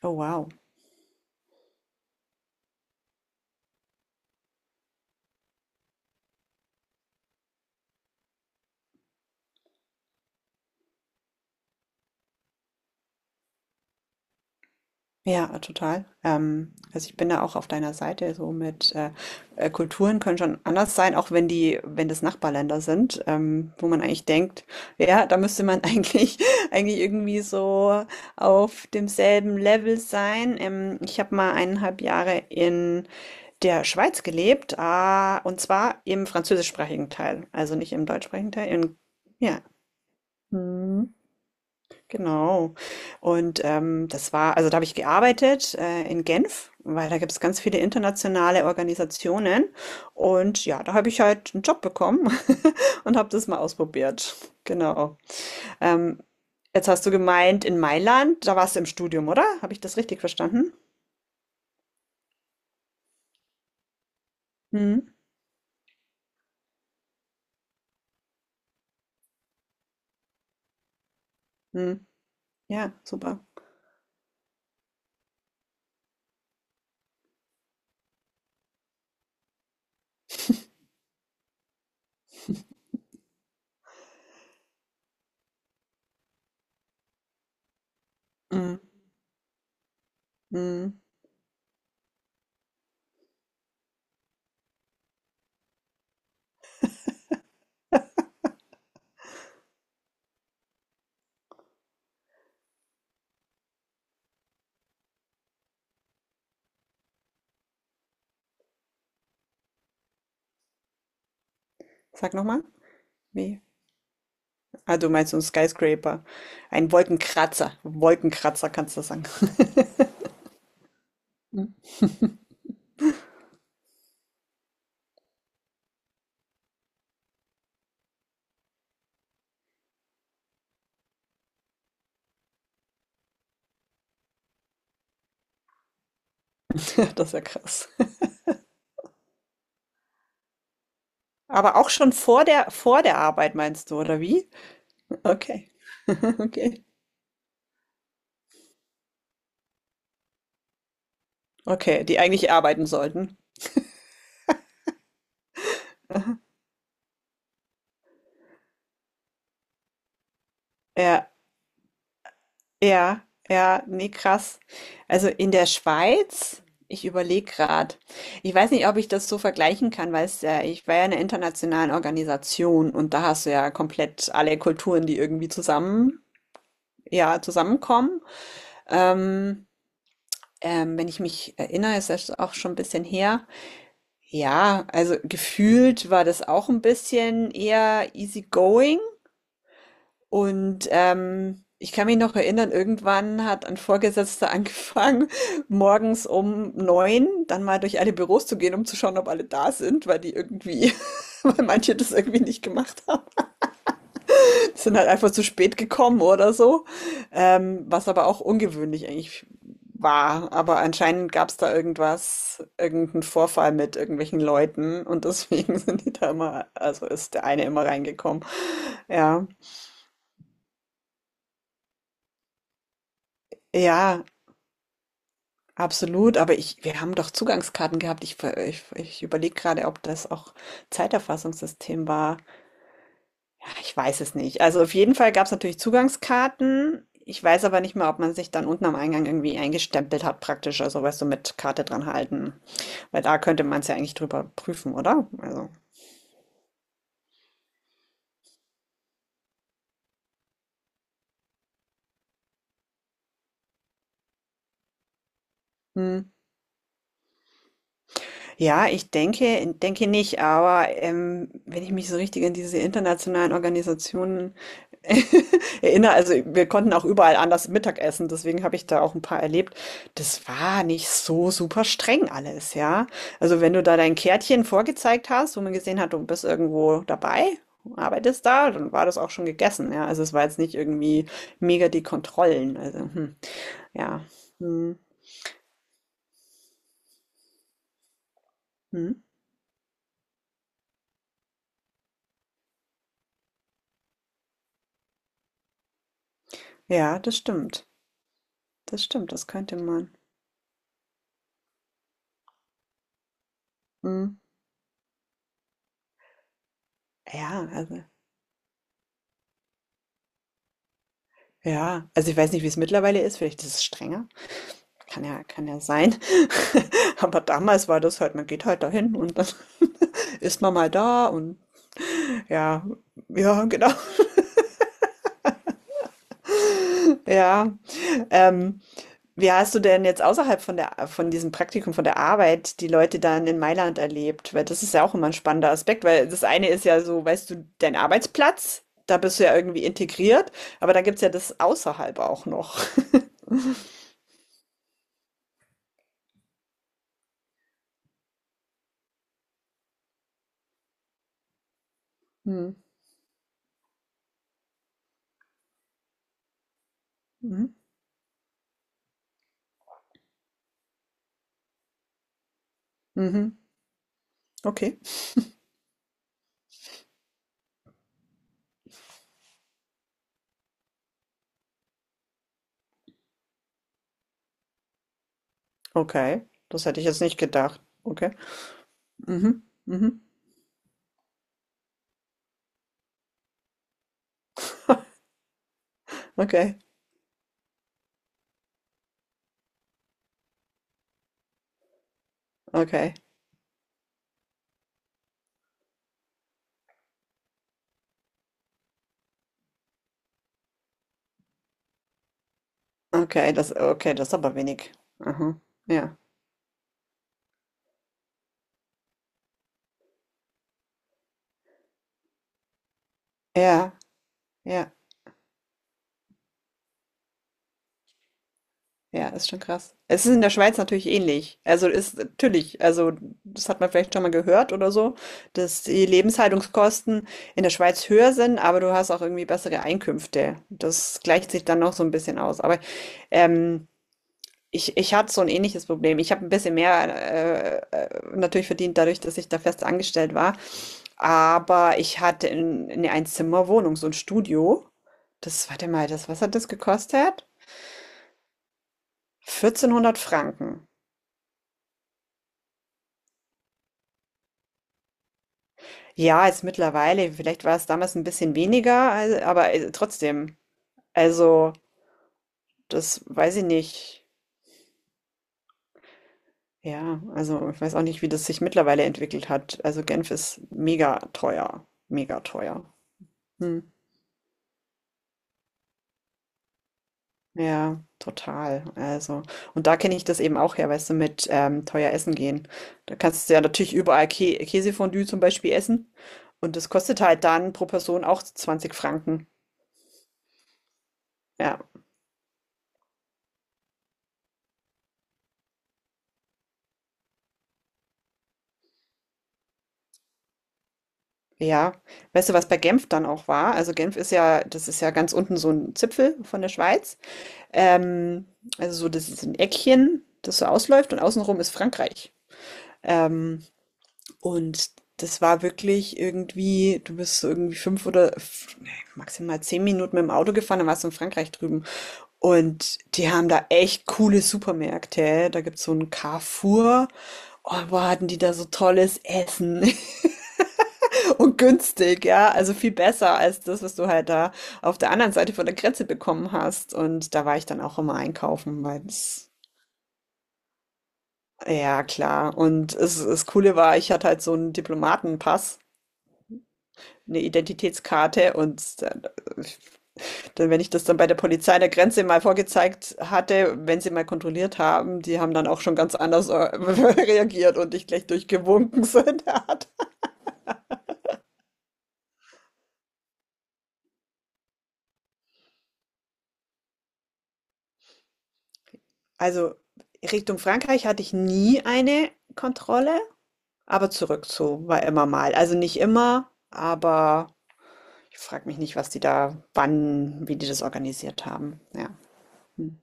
Oh, wow. Ja, total. Also ich bin da auch auf deiner Seite, so mit Kulturen können schon anders sein, auch wenn das Nachbarländer sind, wo man eigentlich denkt, ja, da müsste man eigentlich irgendwie so auf demselben Level sein. Ich habe mal eineinhalb Jahre in der Schweiz gelebt, und zwar im französischsprachigen Teil, also nicht im deutschsprachigen Teil, in, ja. Mhm. Genau. Und das war, also da habe ich gearbeitet in Genf, weil da gibt es ganz viele internationale Organisationen. Und ja, da habe ich halt einen Job bekommen und habe das mal ausprobiert. Genau. Ähm, jetzt hast du gemeint, in Mailand, da warst du im Studium, oder? Habe ich das richtig verstanden? Hm, hm. Ja, super. Hm, hm. Sag nochmal. Wie? Ah, du meinst so ein Skyscraper. Ein Wolkenkratzer. Wolkenkratzer kannst du sagen. Hm. Das ist ja krass. Aber auch schon vor der Arbeit meinst du, oder wie? Okay, okay. Okay, die eigentlich arbeiten sollten. Ja, ja, ja, nee, krass. Also in der Schweiz, ich überlege gerade. Ich weiß nicht, ob ich das so vergleichen kann, weil es ja, ich war ja in einer internationalen Organisation und da hast du ja komplett alle Kulturen, die irgendwie zusammen, ja, zusammenkommen. Ähm, wenn ich mich erinnere, ist das auch schon ein bisschen her. Ja, also gefühlt war das auch ein bisschen eher easygoing. Und ich kann mich noch erinnern, irgendwann hat ein Vorgesetzter angefangen, morgens um 9 dann mal durch alle Büros zu gehen, um zu schauen, ob alle da sind, weil die irgendwie, weil manche das irgendwie nicht gemacht haben, sind halt einfach zu spät gekommen oder so. Was aber auch ungewöhnlich eigentlich war. Aber anscheinend gab es da irgendwas, irgendeinen Vorfall mit irgendwelchen Leuten und deswegen sind die da immer, also ist der eine immer reingekommen. Ja, ja, absolut. Aber ich, wir haben doch Zugangskarten gehabt. Ich überlege gerade, ob das auch Zeiterfassungssystem war. Ja, ich weiß es nicht. Also auf jeden Fall gab es natürlich Zugangskarten. Ich weiß aber nicht mehr, ob man sich dann unten am Eingang irgendwie eingestempelt hat, praktisch. Also, weißt du, mit Karte dran halten. Weil da könnte man es ja eigentlich drüber prüfen, oder? Also. Hm. Ja, ich denke nicht, aber, wenn ich mich so richtig an diese internationalen Organisationen erinnere, also, wir konnten auch überall anders Mittag essen, deswegen habe ich da auch ein paar erlebt. Das war nicht so super streng alles, ja? Also, wenn du da dein Kärtchen vorgezeigt hast, wo man gesehen hat, du bist irgendwo dabei, arbeitest da, dann war das auch schon gegessen, ja? Also, es war jetzt nicht irgendwie mega die Kontrollen, also, hm, ja. Mhm, mhm. Ja, das stimmt. Das stimmt, das könnte man. Mhm. Ja, also ja, also ich weiß nicht, wie es mittlerweile ist, vielleicht ist es strenger. Kann ja sein. Aber damals war das halt, man geht halt dahin und dann ist man mal da und ja, ja, genau. Ja. Ähm, wie hast du denn jetzt außerhalb von diesem Praktikum, von der Arbeit, die Leute dann in Mailand erlebt? Weil das ist ja auch immer ein spannender Aspekt, weil das eine ist ja so, weißt du, dein Arbeitsplatz, da bist du ja irgendwie integriert, aber da gibt's ja das außerhalb auch noch. Hm. Mhm. Okay. Okay. Das hätte ich jetzt nicht gedacht. Okay. Mhm. Mhm. Okay. Okay. Okay. Das, okay, das ist aber wenig. Aha. Ja. Ja. Ja. Ja, ist schon krass. Es ist in der Schweiz natürlich ähnlich. Also ist natürlich, also das hat man vielleicht schon mal gehört oder so, dass die Lebenshaltungskosten in der Schweiz höher sind, aber du hast auch irgendwie bessere Einkünfte. Das gleicht sich dann noch so ein bisschen aus. Aber ähm, ich hatte so ein ähnliches Problem. Ich habe ein bisschen mehr, natürlich verdient dadurch, dass ich da fest angestellt war. Aber ich hatte 'n 'ne Einzimmerwohnung, so ein Studio. Das, warte mal, das was hat das gekostet? 1.400 Franken. Ja, jetzt mittlerweile, vielleicht war es damals ein bisschen weniger, al aber, trotzdem. Also, das weiß ich nicht. Ja, also, ich weiß auch nicht, wie das sich mittlerweile entwickelt hat. Also, Genf ist mega teuer, mega teuer. Mhm. Ja, total. Also, und da kenne ich das eben auch her, weißt du, mit teuer essen gehen. Da kannst du ja natürlich überall Kä Käsefondue zum Beispiel essen. Und das kostet halt dann pro Person auch 20 Franken. Ja, ja. Weißt du, was bei Genf dann auch war? Also Genf ist ja, das ist ja ganz unten so ein Zipfel von der Schweiz. Ähm, also so, das ist ein Eckchen, das so ausläuft und außenrum ist Frankreich. Ähm, Und das war wirklich irgendwie, du bist so irgendwie 5 maximal 10 Minuten mit dem Auto gefahren, dann warst du in Frankreich drüben. Und die haben da echt coole Supermärkte. Da gibt's so einen Carrefour. Oh, boah, hatten die da so tolles Essen und günstig, ja. Also, viel besser als das, was du halt da auf der anderen Seite von der Grenze bekommen hast. Und da war ich dann auch immer einkaufen, weil das, ja, klar. Und es, das Coole war, ich hatte halt so einen Diplomatenpass. Eine Identitätskarte und dann, dann, wenn ich das dann bei der Polizei an der Grenze mal vorgezeigt hatte, wenn sie mal kontrolliert haben, die haben dann auch schon ganz anders reagiert und dich gleich durchgewunken, so in der Art. Also Richtung Frankreich hatte ich nie eine Kontrolle, aber zurück zu war immer mal. Also nicht immer, aber ich frage mich nicht, was die da, wann, wie die das organisiert haben. Ja. Hm.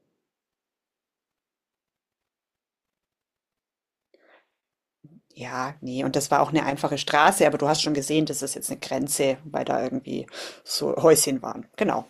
Ja, nee, und das war auch 'ne einfache Straße, aber du hast schon gesehen, das ist jetzt 'ne Grenze, weil da irgendwie so Häuschen waren. Genau.